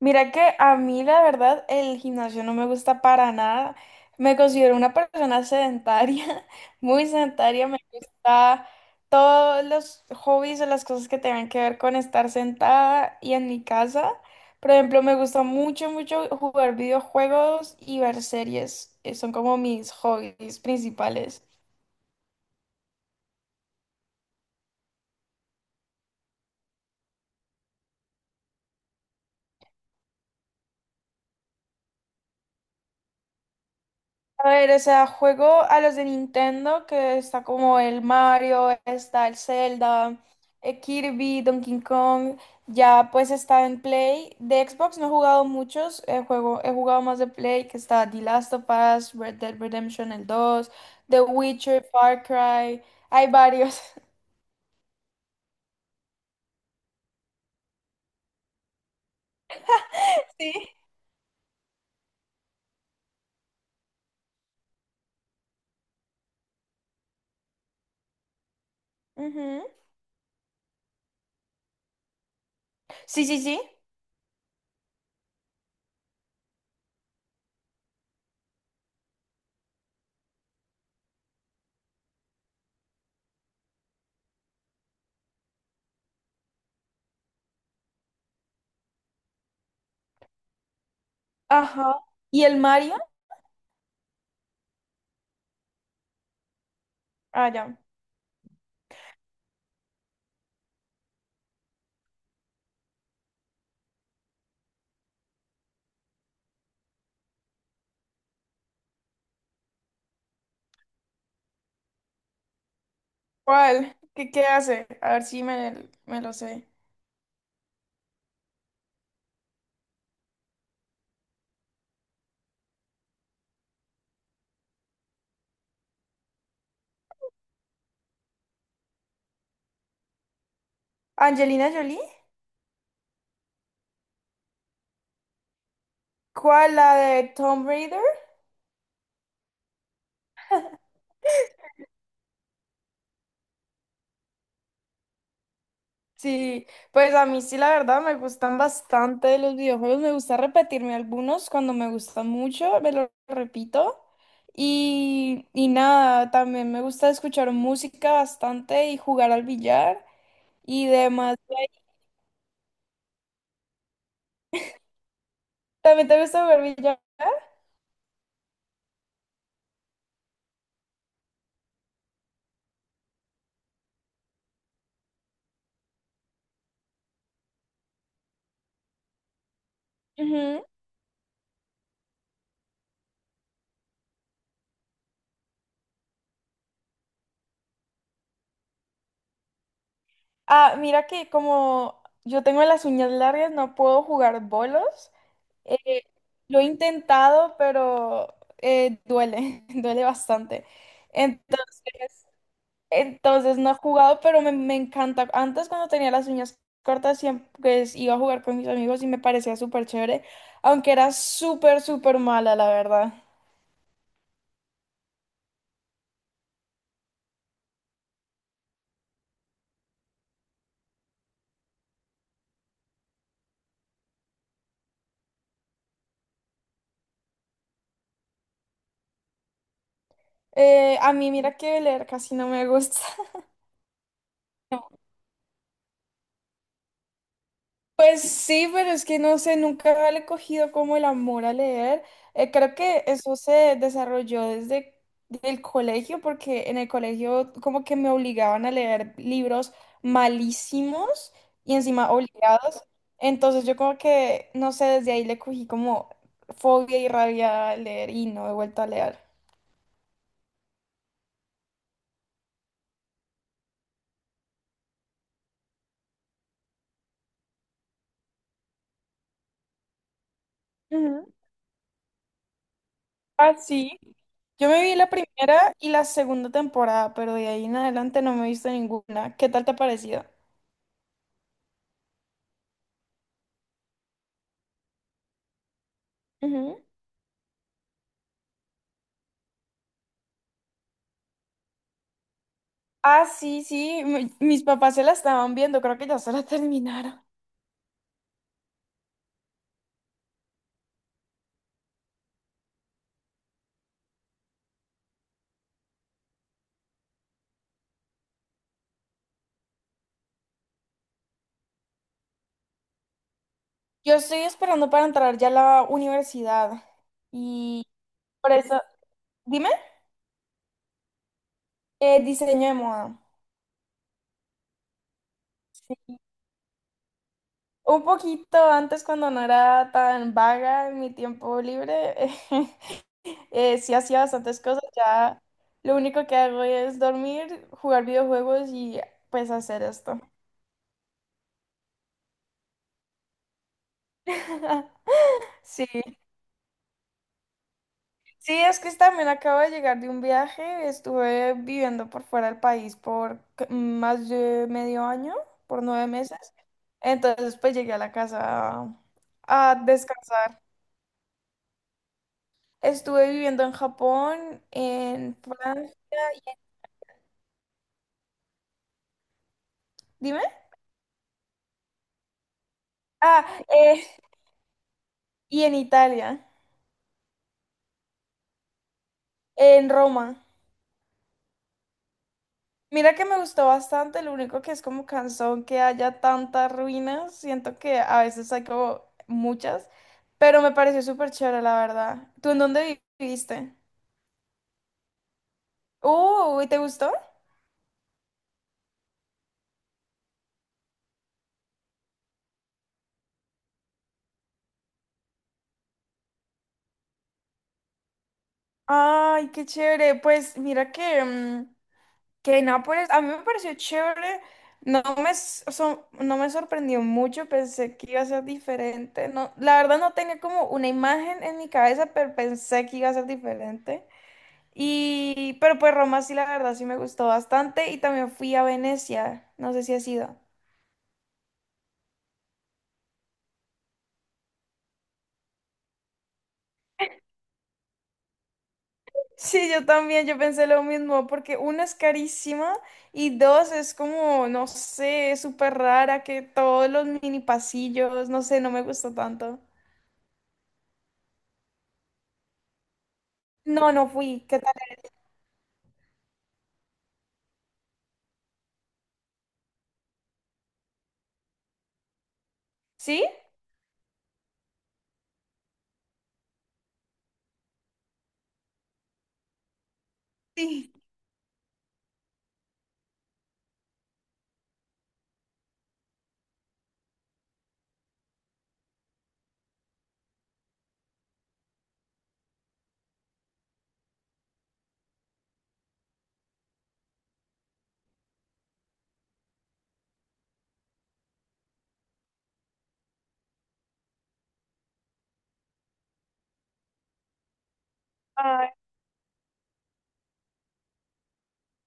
Mira que a mí la verdad el gimnasio no me gusta para nada. Me considero una persona sedentaria, muy sedentaria. Me gusta todos los hobbies o las cosas que tengan que ver con estar sentada y en mi casa. Por ejemplo, me gusta mucho, mucho jugar videojuegos y ver series. Son como mis hobbies principales. A ver, o sea, juego a los de Nintendo, que está como el Mario, está el Zelda, Kirby, Donkey Kong, ya pues está en Play. De Xbox no he jugado muchos, he jugado más de Play, que está The Last of Us, Red Dead Redemption el dos, The Witcher, Far Cry, hay varios. Sí. Ujú. Sí, sí, sí. Ajá. ¿Y el Mario? Ah, ya. ¿Cuál? ¿Qué hace? A ver si me lo sé. ¿Angelina Jolie? ¿Cuál? ¿La de Tomb Raider? Sí, pues a mí sí la verdad me gustan bastante los videojuegos, me gusta repetirme algunos cuando me gustan mucho, me lo repito y nada, también me gusta escuchar música bastante y jugar al billar y demás. ¿También te gusta jugar billar? Ujú. Ah, mira que como yo tengo las uñas largas, no puedo jugar bolos. Eh, lo he intentado, pero duele, duele bastante. Entonces, entonces no he jugado, pero me encanta. Antes cuando tenía las uñas cortas, siempre pues, iba a jugar con mis amigos y me parecía súper chévere, aunque era súper, súper mala, la verdad. A mí mira que leer casi no me gusta. Pues sí, pero es que no sé, nunca le he cogido como el amor a leer. Creo que eso se desarrolló desde el colegio, porque en el colegio como que me obligaban a leer libros malísimos y encima obligados. Entonces yo como que, no sé, desde ahí le cogí como fobia y rabia a leer y no he vuelto a leer. Ujú. Ah, sí. Yo me vi la primera y la segunda temporada, pero de ahí en adelante no me he visto ninguna. ¿Qué tal te ha parecido? Ujú. Ah, sí, sí, mis papás se la estaban viendo, creo que ya se la terminaron. Yo estoy esperando para entrar ya a la universidad y por eso, dime, diseño de moda. Sí. Un poquito antes cuando no era tan vaga en mi tiempo libre, sí hacía bastantes cosas, ya lo único que hago es dormir, jugar videojuegos y pues hacer esto. Sí. Sí, es que también acabo de llegar de un viaje, estuve viviendo por fuera del país por más de medio año, por 9 meses, entonces pues llegué a la casa a descansar. Estuve viviendo en Japón, en Francia, y- dime, ah, eh, y en Italia, en Roma. Mira que me gustó bastante, lo único que es como cansón que haya tantas ruinas, siento que a veces hay como muchas, pero me pareció súper chévere, la verdad. ¿Tú en dónde viviste? ¿Y te gustó? Ay, qué chévere. Pues mira que, que Nápoles, a mí me pareció chévere. No me sorprendió mucho, pensé que iba a ser diferente. No, la verdad no tenía como una imagen en mi cabeza, pero pensé que iba a ser diferente. Pero pues Roma sí, la verdad sí me gustó bastante y también fui a Venecia, no sé si has ido. Sí, yo también, yo pensé lo mismo, porque una es carísima y dos es como, no sé, súper rara, que todos los mini pasillos, no sé, no me gustó tanto. No, no fui, ¿qué tal? ¿Sí? Sí. Ay,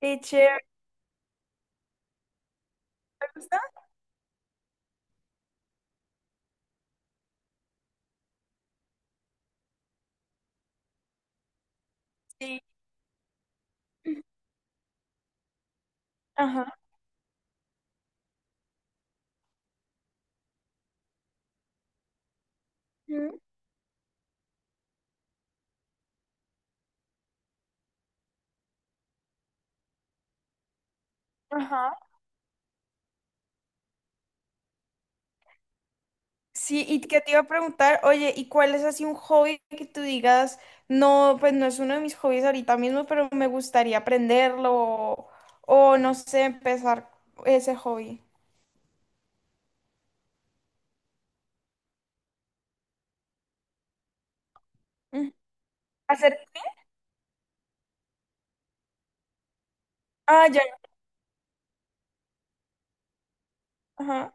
qué chévere, ¿te gusta? Sí. Ajá. Ujú. Ajá. Sí, y que te iba a preguntar, oye, ¿y cuál es así un hobby que tú digas, no, pues no es uno de mis hobbies ahorita mismo, pero me gustaría aprenderlo o no sé, empezar ese hobby? Mm, Hacer, ah, ya, ajá.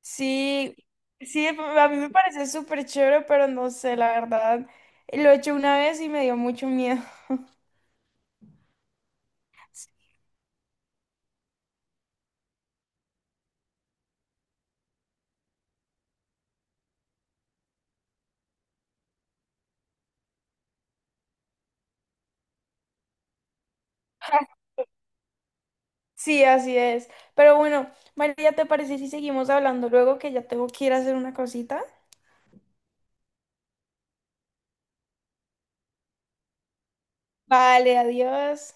Sí, sí, a mí me parece súper chévere, pero no sé, la verdad, lo he hecho una vez y me dio mucho miedo. Sí, así es. Pero bueno, María, ¿te parece si seguimos hablando luego que ya tengo que ir a hacer una cosita? Vale, adiós.